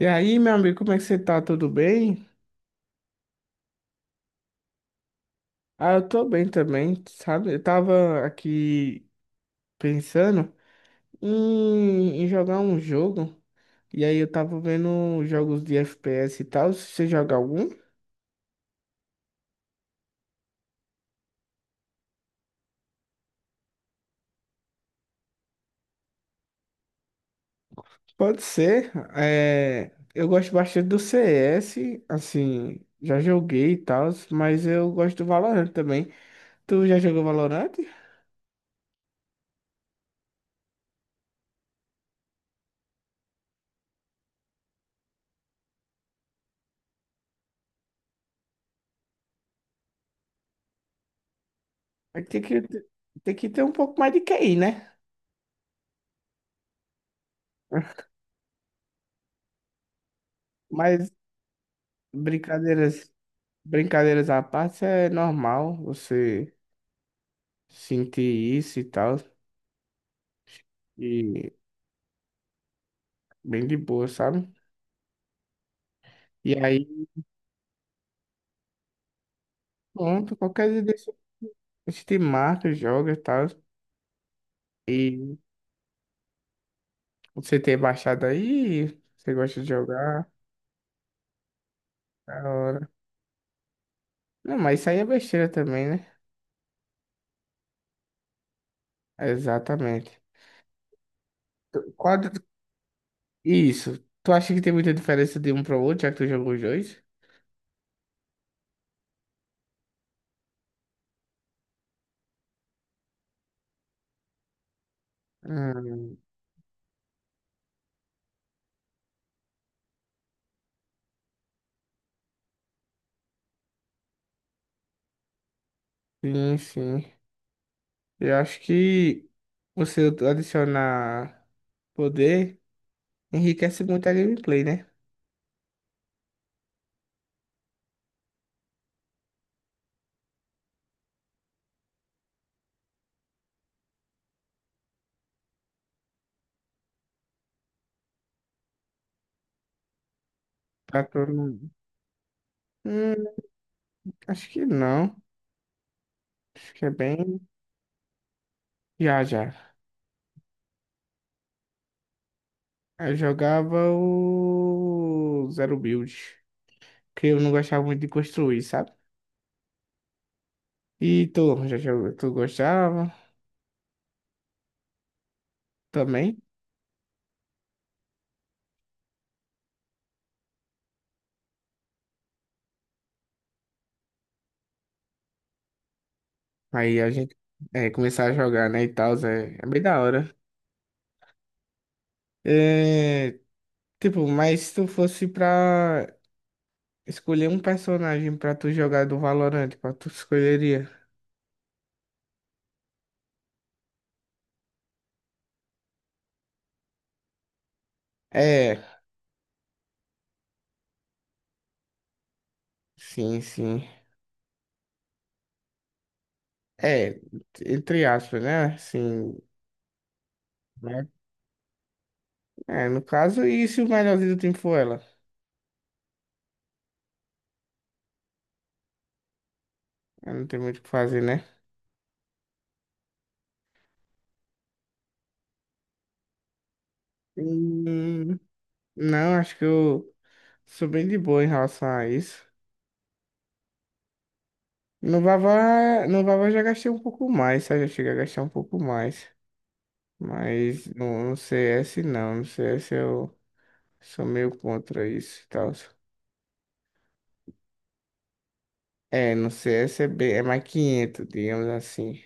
E aí, meu amigo, como é que você tá? Tudo bem? Ah, eu tô bem também, sabe? Eu tava aqui pensando em jogar um jogo, e aí eu tava vendo jogos de FPS e tal. Se você joga algum, pode ser. É, eu gosto bastante do CS, assim, já joguei e tal, mas eu gosto do Valorant também. Tu já jogou Valorant? Aí tem que ter um pouco mais de QI, né? Mas brincadeiras. Brincadeiras à parte, é normal você sentir isso e tal. E bem de boa, sabe? E aí, pronto, qualquer dia desse, a gente marca, joga e tal. E você ter baixado aí, você gosta de jogar, da hora. Não, mas isso aí é besteira também, né? Exatamente. Qual, isso. Tu acha que tem muita diferença de um para o outro, já que tu jogou os dois? Hum, sim, sim. Eu acho que você adicionar poder. Enriquece muito a gameplay, né? Pra todo mundo. Hum, acho que não. Acho que é bem. Já, já. Eu jogava o Zero Build. Que eu não gostava muito de construir, sabe? E tu, já jogou, tu gostava também. Aí a gente é, começar a jogar, né? E tal, é, é bem da hora. É, tipo, mas se tu fosse pra escolher um personagem pra tu jogar do Valorant, qual tu escolheria? É, sim, sim. É, entre aspas, né? Assim, né? É, no caso, e se o melhorzinho do time for ela? Aí não tem muito o que fazer, né? Hum, não, acho que eu sou bem de boa em relação a isso. No Vavá eu já gastei um pouco mais, sabe? Eu cheguei a gastar um pouco mais. Mas no CS não, no CS eu sou meio contra isso e tal. É, no CS é, bem, é mais 500, digamos assim.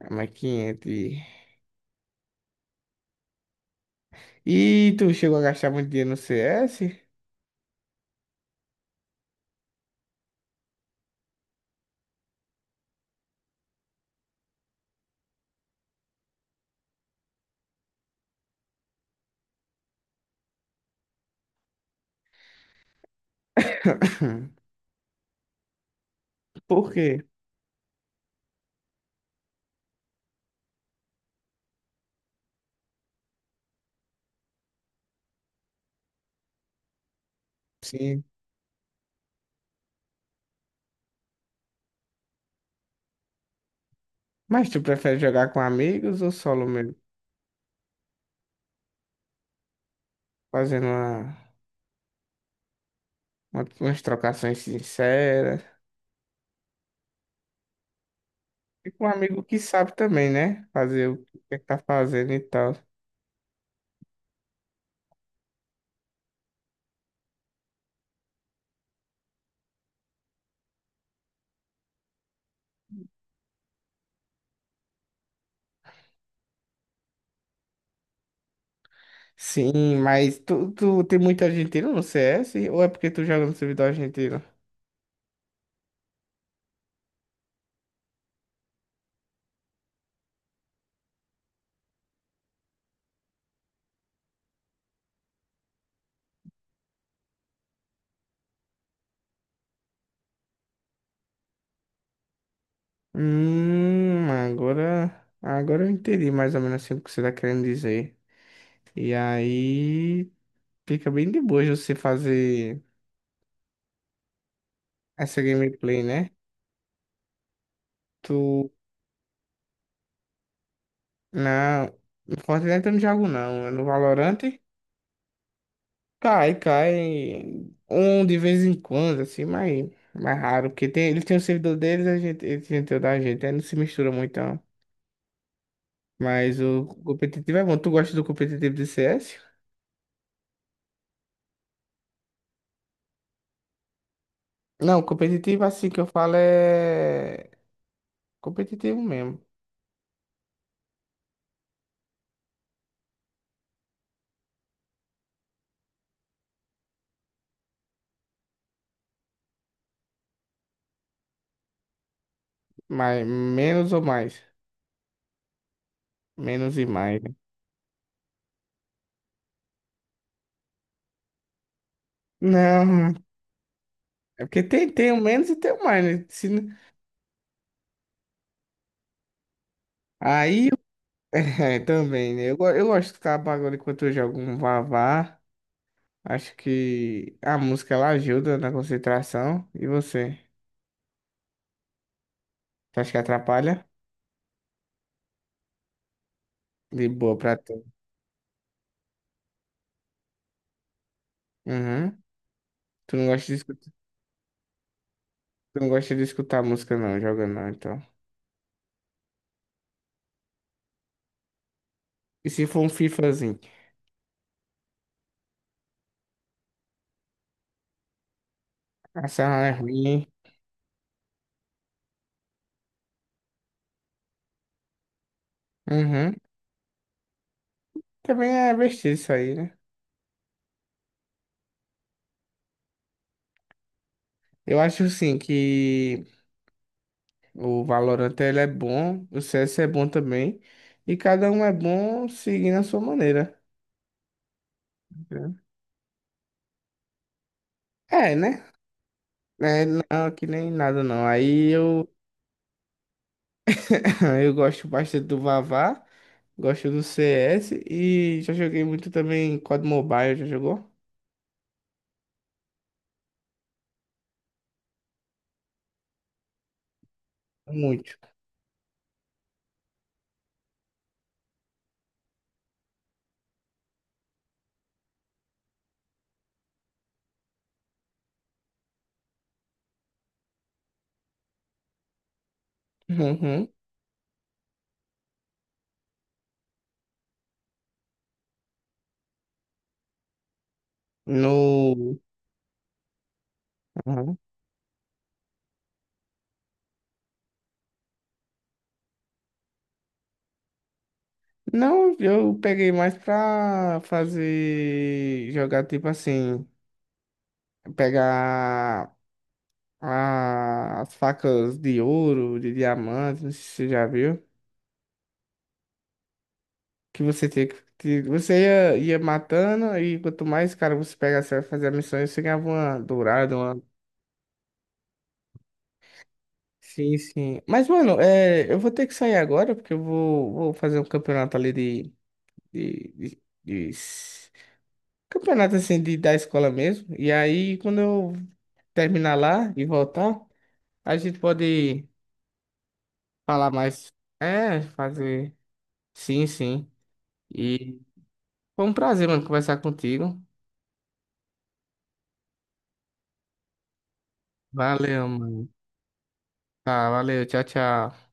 É mais 500. E tu chegou a gastar muito dinheiro no CS? Por quê? Sim. Mas tu prefere jogar com amigos ou solo mesmo? Fazendo umas trocações sinceras. E com um amigo que sabe também, né? Fazer o que é que tá fazendo e tal. Sim, mas tu tem muito argentino no CS? Ou é porque tu joga no servidor argentino? Agora eu entendi mais ou menos assim o que você tá querendo dizer. E aí fica bem de boa de você fazer essa gameplay, né? Tu Não, no Fortnite eu não jogo não. É no Valorant cai um de vez em quando, assim, mas mais raro, porque tem, eles têm o servidor deles, a gente, eles têm o da gente, aí não se mistura muito, não. Mas o competitivo é bom. Tu gosta do competitivo de CS? Não, competitivo assim que eu falo é competitivo mesmo, mas menos ou mais, menos e mais, né? Não, é porque tem, tem o menos e tem o mais, né? Se, não- aí é, também, né? Eu, eu gosto de escutar pagode enquanto eu jogo um vavá. Acho que a música ela ajuda na concentração. E você? Você acha que atrapalha? De boa pra tu. Uhum. Tu não gosta de escutar, tu não gosta de escutar música não, jogando não, então. E se for um FIFAzinho? Essa é ruim, hein? Uhum. Também é besteira isso aí, né? Eu acho sim que o Valorant ele é bom, o CS é bom também. E cada um é bom seguindo a sua maneira, né? É, né? É, não, que nem nada não. Aí eu eu gosto bastante do Vavá, gosto do CS e já joguei muito também COD Mobile, já jogou? Muito. Uhum. No uhum. Não, eu peguei mais pra fazer jogar tipo assim, pegar as facas de ouro, de diamante, não sei se você já viu. Que você tinha que. Que Você ia, ia matando e quanto mais, cara, você pegasse pra fazer a missão, e você ganhava uma dourada, uma. Sim, sim. Mas, mano, é, eu vou ter que sair agora, porque eu vou fazer um campeonato ali de, de- de s- campeonato assim de, da escola mesmo. E aí, quando eu terminar lá e voltar, a gente pode falar mais. É, fazer. Sim, sim. E foi um prazer, mano, conversar contigo. Valeu, mano. Tá, valeu. Tchau, tchau.